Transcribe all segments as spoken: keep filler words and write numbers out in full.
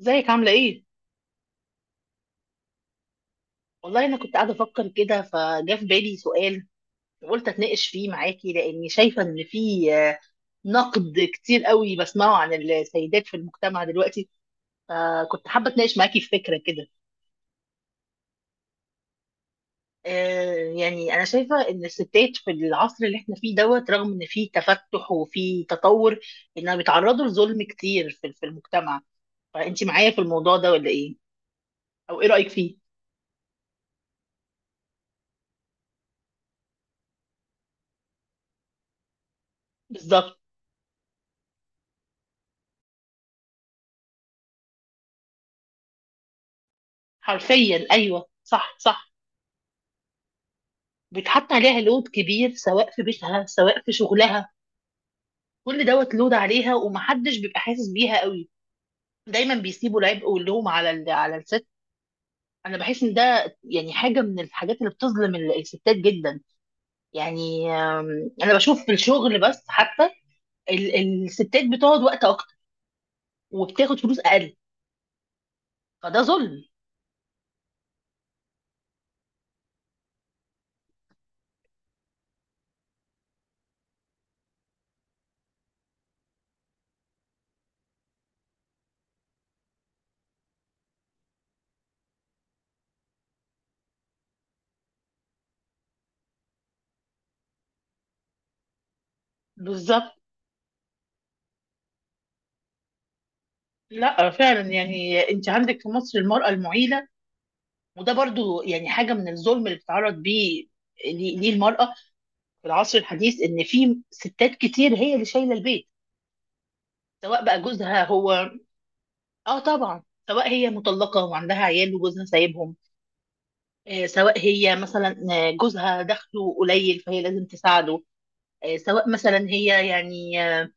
ازيك؟ عاملة ايه؟ والله انا كنت قاعدة افكر كده، فجاء في بالي سؤال وقلت اتناقش فيه معاكي، لاني شايفة ان في آه، نقد كتير قوي بسمعه عن السيدات في المجتمع دلوقتي. فكنت حابة اتناقش معاكي في فكرة كده. آه، يعني انا شايفة ان الستات في العصر اللي احنا فيه دوت، رغم ان في تفتح وفي تطور، انها بيتعرضوا لظلم كتير في في المجتمع. فانت معايا في الموضوع ده ولا ايه؟ او ايه رأيك فيه؟ بالظبط. حرفيا ايوه، صح صح. بيتحط عليها لود كبير، سواء في بيتها سواء في شغلها. كل دوت لود عليها ومحدش بيبقى حاسس بيها قوي. دايما بيسيبوا العبء واللوم على ال- على الست. انا بحس ان ده يعني حاجه من الحاجات اللي بتظلم ال- الستات جدا. يعني آم، انا بشوف في الشغل بس حتى ال- الستات بتقعد وقت اكتر وبتاخد فلوس اقل، فده ظلم. بالظبط. لا فعلا، يعني انت عندك في مصر المراه المعيله، وده برضو يعني حاجه من الظلم اللي بتتعرض بيه. ليه؟ ليه المرأة في العصر الحديث ان في ستات كتير هي اللي شايله البيت؟ سواء بقى جوزها هو، اه طبعا، سواء هي مطلقه وعندها عيال وجوزها سايبهم، آه، سواء هي مثلا آه، جوزها دخله قليل فهي لازم تساعده، آه، سواء مثلا هي يعني آه،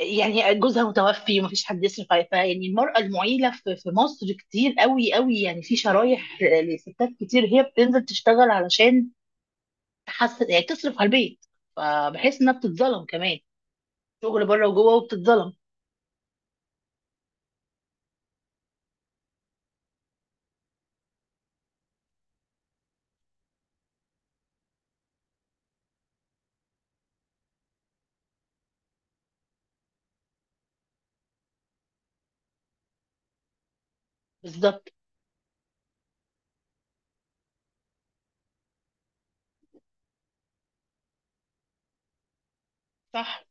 يعني جوزها متوفي ومفيش حد يصرف عليها. فيعني المرأة المعيلة في في مصر كتير قوي قوي، يعني في شرايح لستات كتير هي بتنزل تشتغل علشان تحسن، يعني تصرف على البيت. فبحس انها بتتظلم كمان، شغل بره وجوه، وبتتظلم. بالظبط. صح.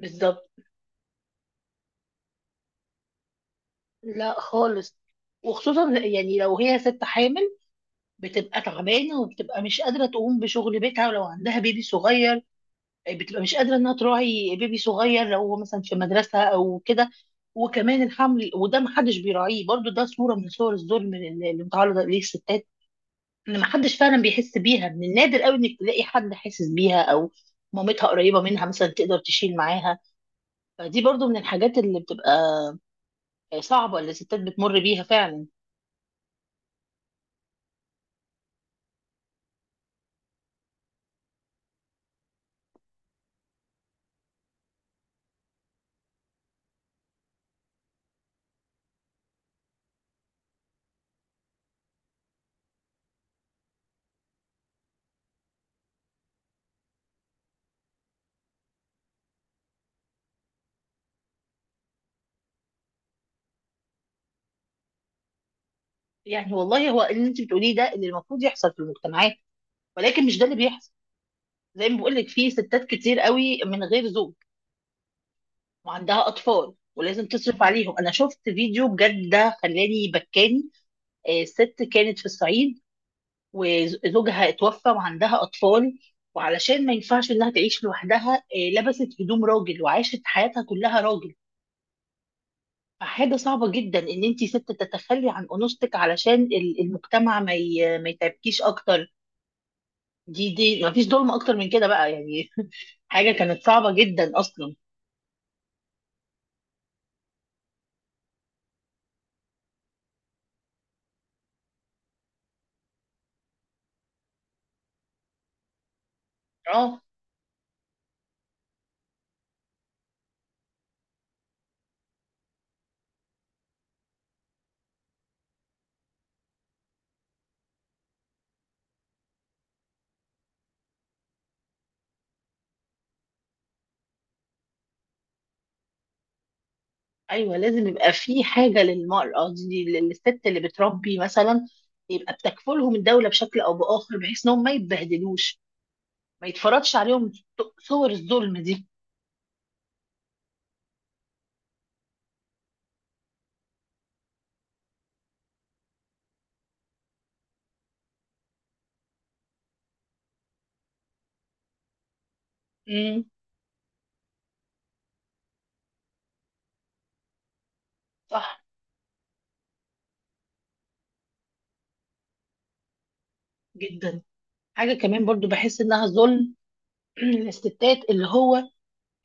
بالظبط. لا خالص. وخصوصا يعني لو هي ست حامل، بتبقى تعبانه وبتبقى مش قادره تقوم بشغل بيتها، ولو عندها بيبي صغير بتبقى مش قادره انها تراعي بيبي صغير، لو هو مثلا في مدرسه او كده. وكمان الحمل وده محدش بيراعيه، برضو ده صوره من صور الظلم اللي اللي متعرضه ليه الستات. ان محدش فعلا بيحس بيها، من النادر قوي انك تلاقي حد حاسس بيها، او مامتها قريبه منها مثلا تقدر تشيل معاها. فدي برضو من الحاجات اللي بتبقى صعبه اللي الستات بتمر بيها فعلا. يعني والله هو اللي انت بتقوليه ده اللي المفروض يحصل في المجتمعات، ولكن مش ده اللي بيحصل. زي ما بقول لك، في ستات كتير قوي من غير زوج وعندها اطفال ولازم تصرف عليهم. انا شفت فيديو بجد ده خلاني بكاني. آه، ست كانت في الصعيد وزوجها اتوفى وعندها اطفال، وعلشان ما ينفعش انها تعيش لوحدها آه، لبست هدوم راجل وعاشت حياتها كلها راجل. حاجة صعبة جدا ان انت ست تتخلي عن انوثتك علشان ال- المجتمع ما ي- ما يتعبكيش اكتر. دي دي ما فيش ظلم اكتر من كده بقى يعني. حاجة كانت صعبة جدا اصلا. اه. ايوه لازم يبقى في حاجة للمرأة دي، لل- للست اللي بتربي مثلا يبقى بتكفلهم الدولة بشكل او باخر، بحيث انهم ما يتبهدلوش، ما يتفرضش عليهم صور الظلم دي. امم. صح. جدا. حاجة كمان برضو بحس انها ظلم للستات، اللي هو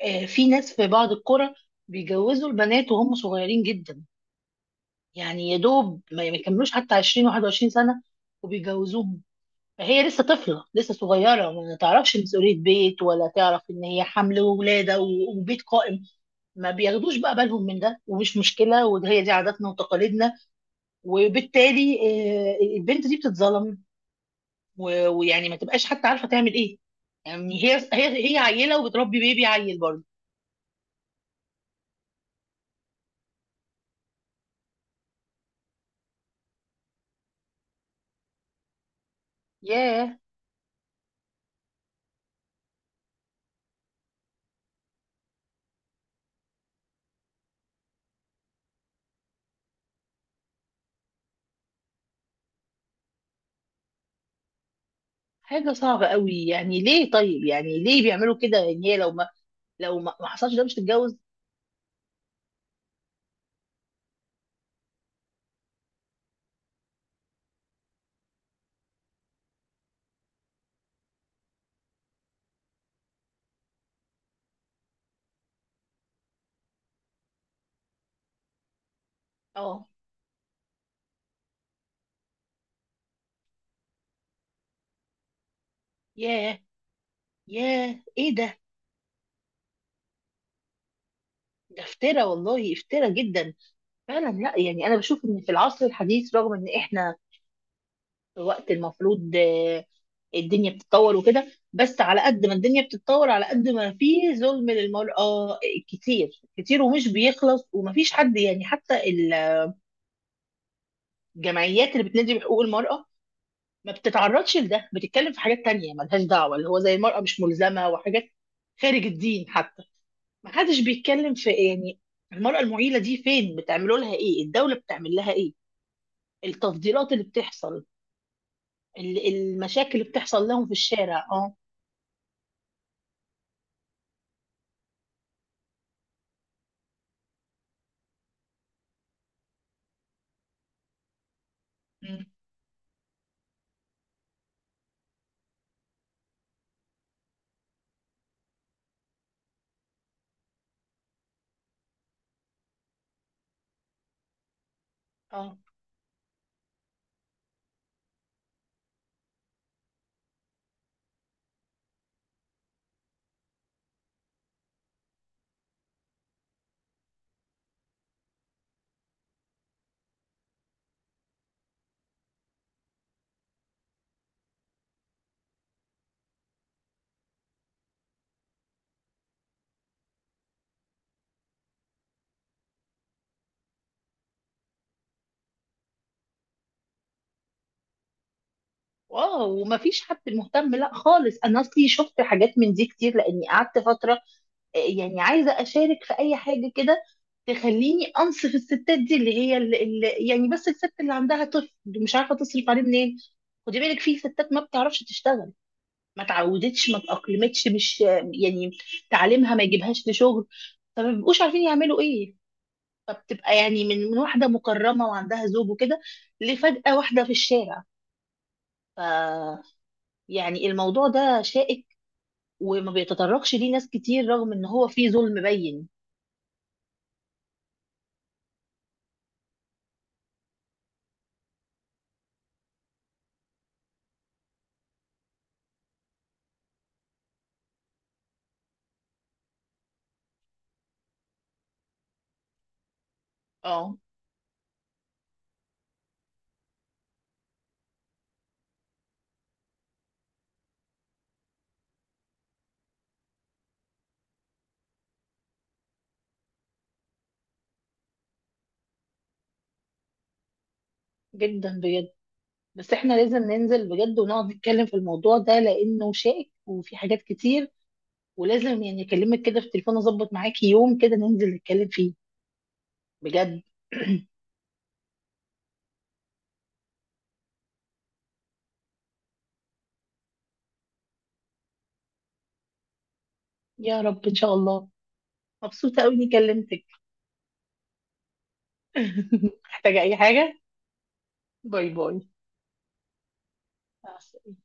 آه، في ناس في بعض القرى بيجوزوا البنات وهم صغيرين جدا، يعني يا دوب ما ما يكملوش حتى عشرين إحدى وعشرين سنة وبيجوزوهم. فهي لسه طفلة لسه صغيرة، ما تعرفش مسؤولية بيت، ولا تعرف ان هي حمل وولادة و- وبيت قائم. ما بياخدوش بقى بالهم من ده، ومش مشكلة، وهي دي عاداتنا وتقاليدنا. وبالتالي آه، البنت دي بتتظلم و- ويعني ما تبقاش حتى عارفة تعمل ايه. يعني هي هي هي عيلة وبتربي بيبي عيل برضه. ياه. حاجة صعبة قوي، يعني ليه؟ طيب يعني ليه بيعملوا كده؟ يعني هي لو ما لو ما ما حصلش ده مش تتجوز. اه. ياه. ياه ايه ده؟ ده افترا والله، افترا جدا. فعلا، لا يعني انا بشوف ان في العصر الحديث، رغم ان احنا في وقت المفروض آه، الدنيا بتتطور وكده، بس على قد ما الدنيا بتتطور، على قد ما في ظلم للمرأة آه، كتير كتير ومش بيخلص. ومفيش حد يعني، حتى الجمعيات اللي بتنادي بحقوق المرأة ما بتتعرضش لده، بتتكلم في حاجات تانية ملهاش دعوة، اللي هو زي المرأة مش ملزمة وحاجات خارج الدين حتى. ما حدش بيتكلم في يعني المرأة المعيلة دي فين؟ بتعملوا لها ايه؟ الدولة بتعمل لها ايه؟ التفضيلات اللي بتحصل، ال- المشاكل اللي بتحصل لهم في الشارع. اه. مم. اه. واو، ومفيش حد مهتم. لا خالص، انا اصلي شفت حاجات من دي كتير، لاني قعدت فترة يعني عايزه اشارك في اي حاجه كده تخليني انصف الستات دي، اللي هي اللي اللي يعني، بس الست اللي عندها طفل مش عارفه تصرف عليه منين. خدي بالك، في ستات ما بتعرفش تشتغل، ما تعودتش، ما تأقلمتش، مش يعني تعليمها ما يجيبهاش لشغل، فما بيبقوش عارفين يعملوا ايه. فبتبقى يعني من من واحده مكرمه وعندها زوج وكده، لفجأة واحده في الشارع. ف، يعني الموضوع ده شائك وما بيتطرقش ليه ناس كتير، رغم ان هو فيه ظلم بين. اه. جدا بجد. بس احنا لازم ننزل بجد ونقعد نتكلم في الموضوع ده، لانه شائك وفي حاجات كتير، ولازم يعني اكلمك كده في التليفون اظبط معاكي يوم كده ننزل نتكلم فيه بجد. يا رب ان شاء الله. مبسوطة قوي اني كلمتك. محتاجة اي حاجة، باي باي. مع السلامة.